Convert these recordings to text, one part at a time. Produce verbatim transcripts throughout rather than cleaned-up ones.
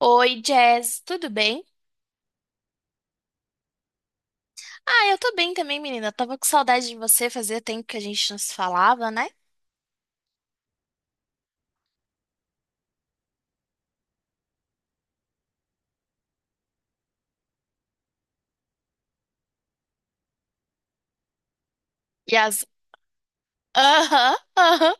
Oi, Jazz, tudo bem? Ah, eu tô bem também, menina. Tava com saudade de você, fazia tempo que a gente não se falava, né? E as. Aham, aham.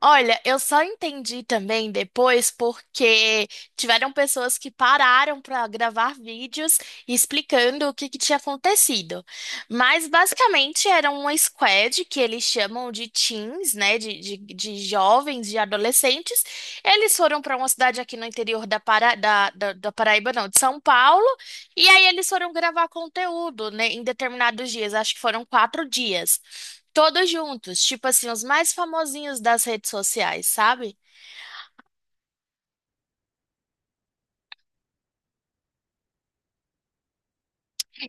Olha, eu só entendi também depois porque tiveram pessoas que pararam para gravar vídeos explicando o que que tinha acontecido. Mas basicamente era uma squad que eles chamam de teens, né? De, de, de jovens, de adolescentes. Eles foram para uma cidade aqui no interior da, Para, da, da, da Paraíba, não, de São Paulo. E aí eles foram gravar conteúdo, né, em determinados dias. Acho que foram quatro dias. Todos juntos, tipo assim, os mais famosinhos das redes sociais, sabe?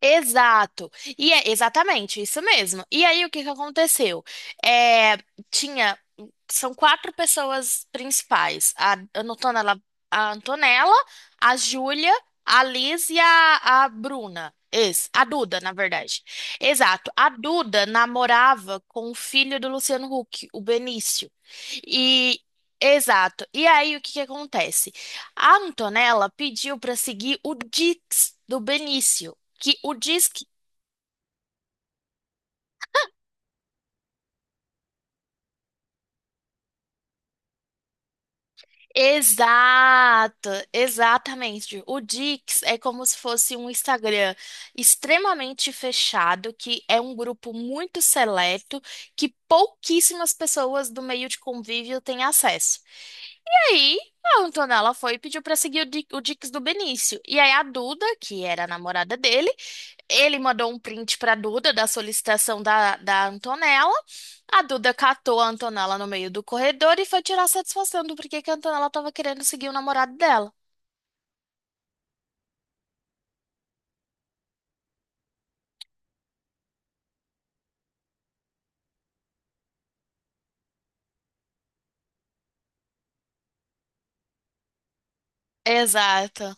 Exato. E é exatamente isso mesmo. E aí o que que aconteceu? É, tinha são quatro pessoas principais. A Antonella, a Antonella, a Júlia, a Liz e a, a Bruna. Esse, a Duda, na verdade. Exato. A Duda namorava com o filho do Luciano Huck, o Benício. E exato. E aí o que que acontece? A Antonella pediu para seguir o Dix do Benício. Que o disque. Exato, exatamente. O Dix é como se fosse um Instagram extremamente fechado, que é um grupo muito seleto, que pouquíssimas pessoas do meio de convívio têm acesso. E aí, a Antonella foi e pediu para seguir o Di- o Dix do Benício. E aí, a Duda, que era a namorada dele, ele mandou um print para Duda da solicitação da, da Antonella. A Duda catou a Antonella no meio do corredor e foi tirar satisfação do porquê que a Antonella estava querendo seguir o namorado dela. Exato.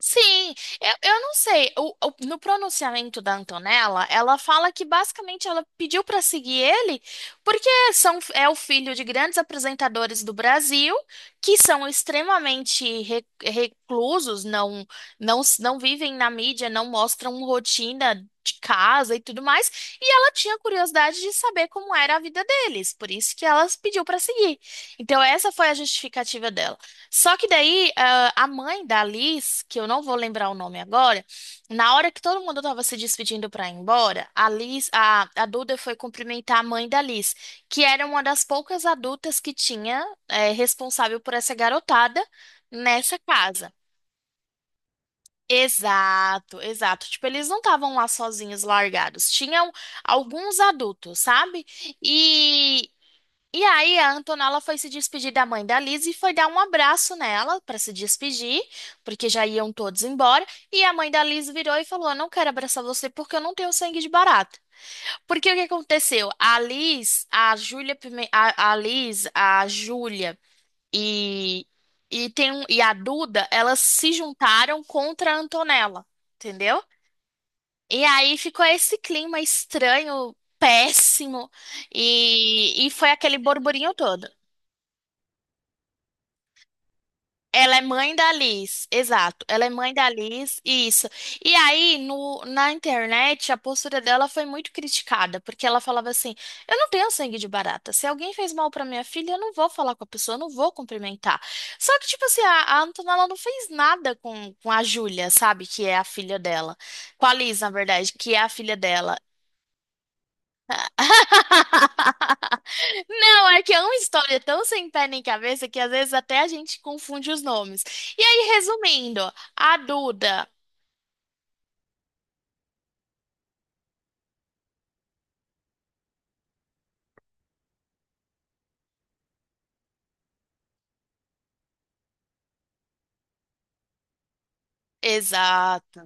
Sim, eu, eu não sei. O- o- no pronunciamento da Antonella, ela fala que basicamente ela pediu para seguir ele porque são, é o filho de grandes apresentadores do Brasil que são extremamente re- reclusos, não, não, não vivem na mídia, não mostram rotina de casa e tudo mais. E ela tinha curiosidade de saber como era a vida deles, por isso que ela pediu para seguir. Então, essa foi a justificativa dela. Só que daí, ah, a mãe da Liz, que eu não vou lembrar o nome agora, na hora que todo mundo estava se despedindo para ir embora, a Liz, a, a Duda foi cumprimentar a mãe da Liz, que era uma das poucas adultas que tinha, eh, responsável por essa garotada nessa casa. Exato, exato. Tipo, eles não estavam lá sozinhos, largados. Tinham alguns adultos, sabe? E e aí, a Antonella foi se despedir da mãe da Liz e foi dar um abraço nela para se despedir, porque já iam todos embora. E a mãe da Liz virou e falou: "Eu não quero abraçar você porque eu não tenho sangue de barata. Porque o que aconteceu? A Liz, a Júlia, Pime- a, a Liz, a Júlia e, e, tem um- e a Duda, elas se juntaram contra a Antonella, entendeu? E aí ficou esse clima estranho, péssimo, e, e foi aquele borburinho todo. Ela é mãe da Liz, exato. Ela é mãe da Liz, isso. E aí, no, na internet, a postura dela foi muito criticada, porque ela falava assim: eu não tenho sangue de barata. Se alguém fez mal pra minha filha, eu não vou falar com a pessoa, eu não vou cumprimentar. Só que, tipo assim, a, a Antonella não fez nada com, com a Júlia, sabe? Que é a filha dela. Com a Liz, na verdade, que é a filha dela. Não, é que é uma história tão sem pé nem cabeça que às vezes até a gente confunde os nomes. E aí, resumindo, a Duda. Exato,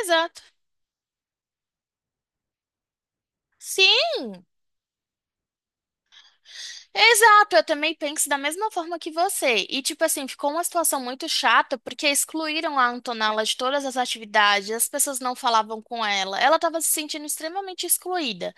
exato. Sim. Exato, eu também penso da mesma forma que você. E, tipo assim, ficou uma situação muito chata porque excluíram a Antonella de todas as atividades, as pessoas não falavam com ela, ela estava se sentindo extremamente excluída.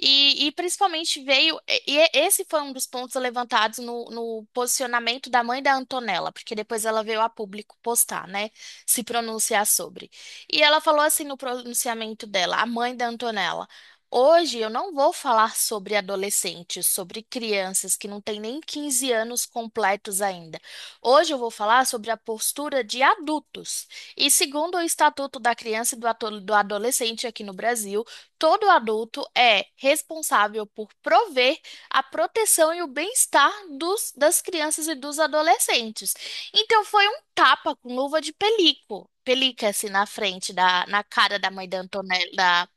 E, e principalmente veio. E e é, esse foi um dos pontos levantados no, no posicionamento da mãe da Antonella, porque depois ela veio a público postar, né? Se pronunciar sobre. E ela falou assim no pronunciamento dela, a mãe da Antonella. Hoje eu não vou falar sobre adolescentes, sobre crianças que não têm nem quinze anos completos ainda. Hoje eu vou falar sobre a postura de adultos. E segundo o Estatuto da Criança e do Ato- do Adolescente aqui no Brasil, todo adulto é responsável por prover a proteção e o bem-estar dos- das crianças e dos adolescentes. Então foi um tapa com luva de pelico. Pelica assim na frente da, na cara da mãe da Antonella,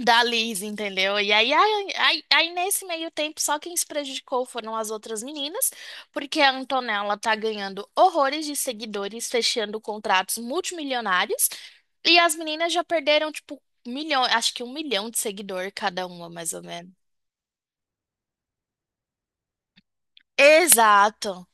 da Liz, entendeu? E aí, aí, aí, aí nesse meio tempo, só quem se prejudicou foram as outras meninas, porque a Antonella tá ganhando horrores de seguidores, fechando contratos multimilionários, e as meninas já perderam, tipo, milhão, acho que um milhão de seguidor cada uma, mais ou menos. Exato.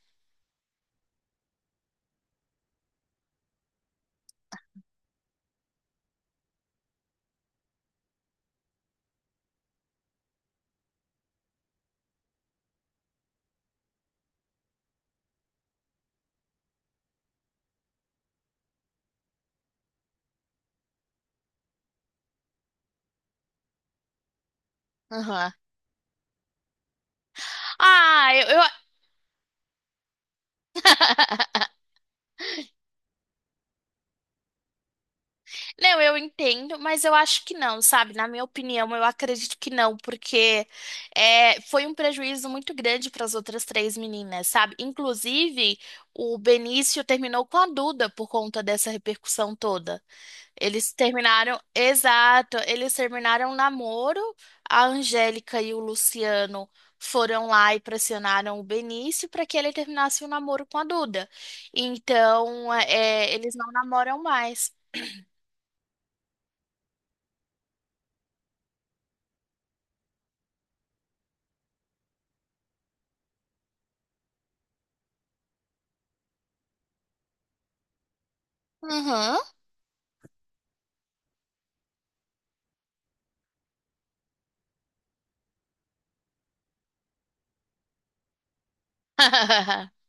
Aham. Ah, eu, eu- Não, eu entendo, mas eu acho que não, sabe? Na minha opinião, eu acredito que não, porque é, foi um prejuízo muito grande para as outras três meninas, sabe? Inclusive, o Benício terminou com a Duda por conta dessa repercussão toda. Eles terminaram, exato, eles terminaram um namoro, a Angélica e o Luciano. Foram lá e pressionaram o Benício para que ele terminasse o namoro com a Duda. Então, é, eles não namoram mais. Uhum.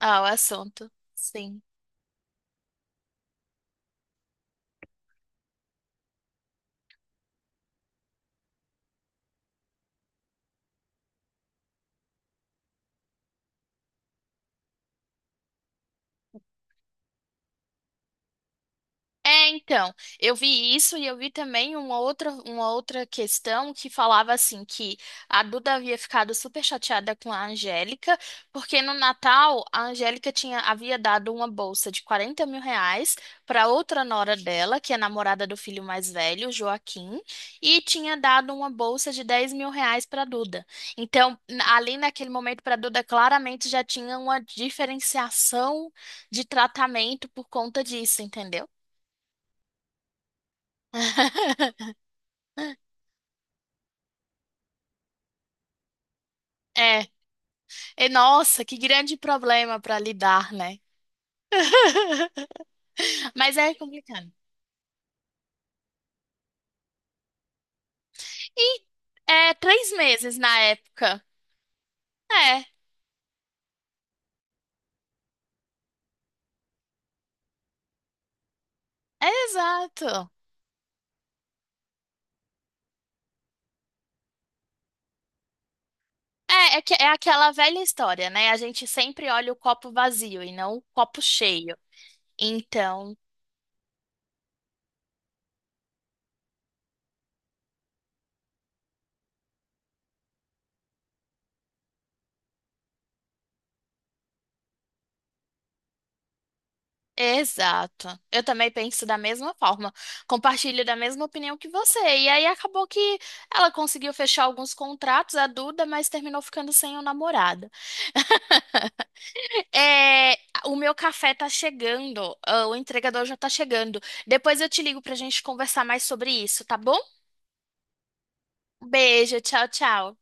Ah, o assunto. Sim. É, então, eu vi isso e eu vi também uma outra, uma outra questão que falava assim que a Duda havia ficado super chateada com a Angélica, porque no Natal a Angélica tinha, havia dado uma bolsa de quarenta mil reais para outra nora dela, que é namorada do filho mais velho, Joaquim, e tinha dado uma bolsa de dez mil reais para Duda. Então, na- ali naquele momento para Duda claramente já tinha uma diferenciação de tratamento por conta disso, entendeu? É, e nossa, que grande problema para lidar, né? Mas é complicado. E é três meses na época. É, é exato. É, é, que- é aquela velha história, né? A gente sempre olha o copo vazio e não o copo cheio. Então, exato. Eu também penso da mesma forma. Compartilho da mesma opinião que você. E aí acabou que ela conseguiu fechar alguns contratos, a Duda, mas terminou ficando sem o namorado. É, o meu café tá chegando, ah, o entregador já tá chegando. Depois eu te ligo pra gente conversar mais sobre isso, tá bom? Um beijo, tchau, tchau.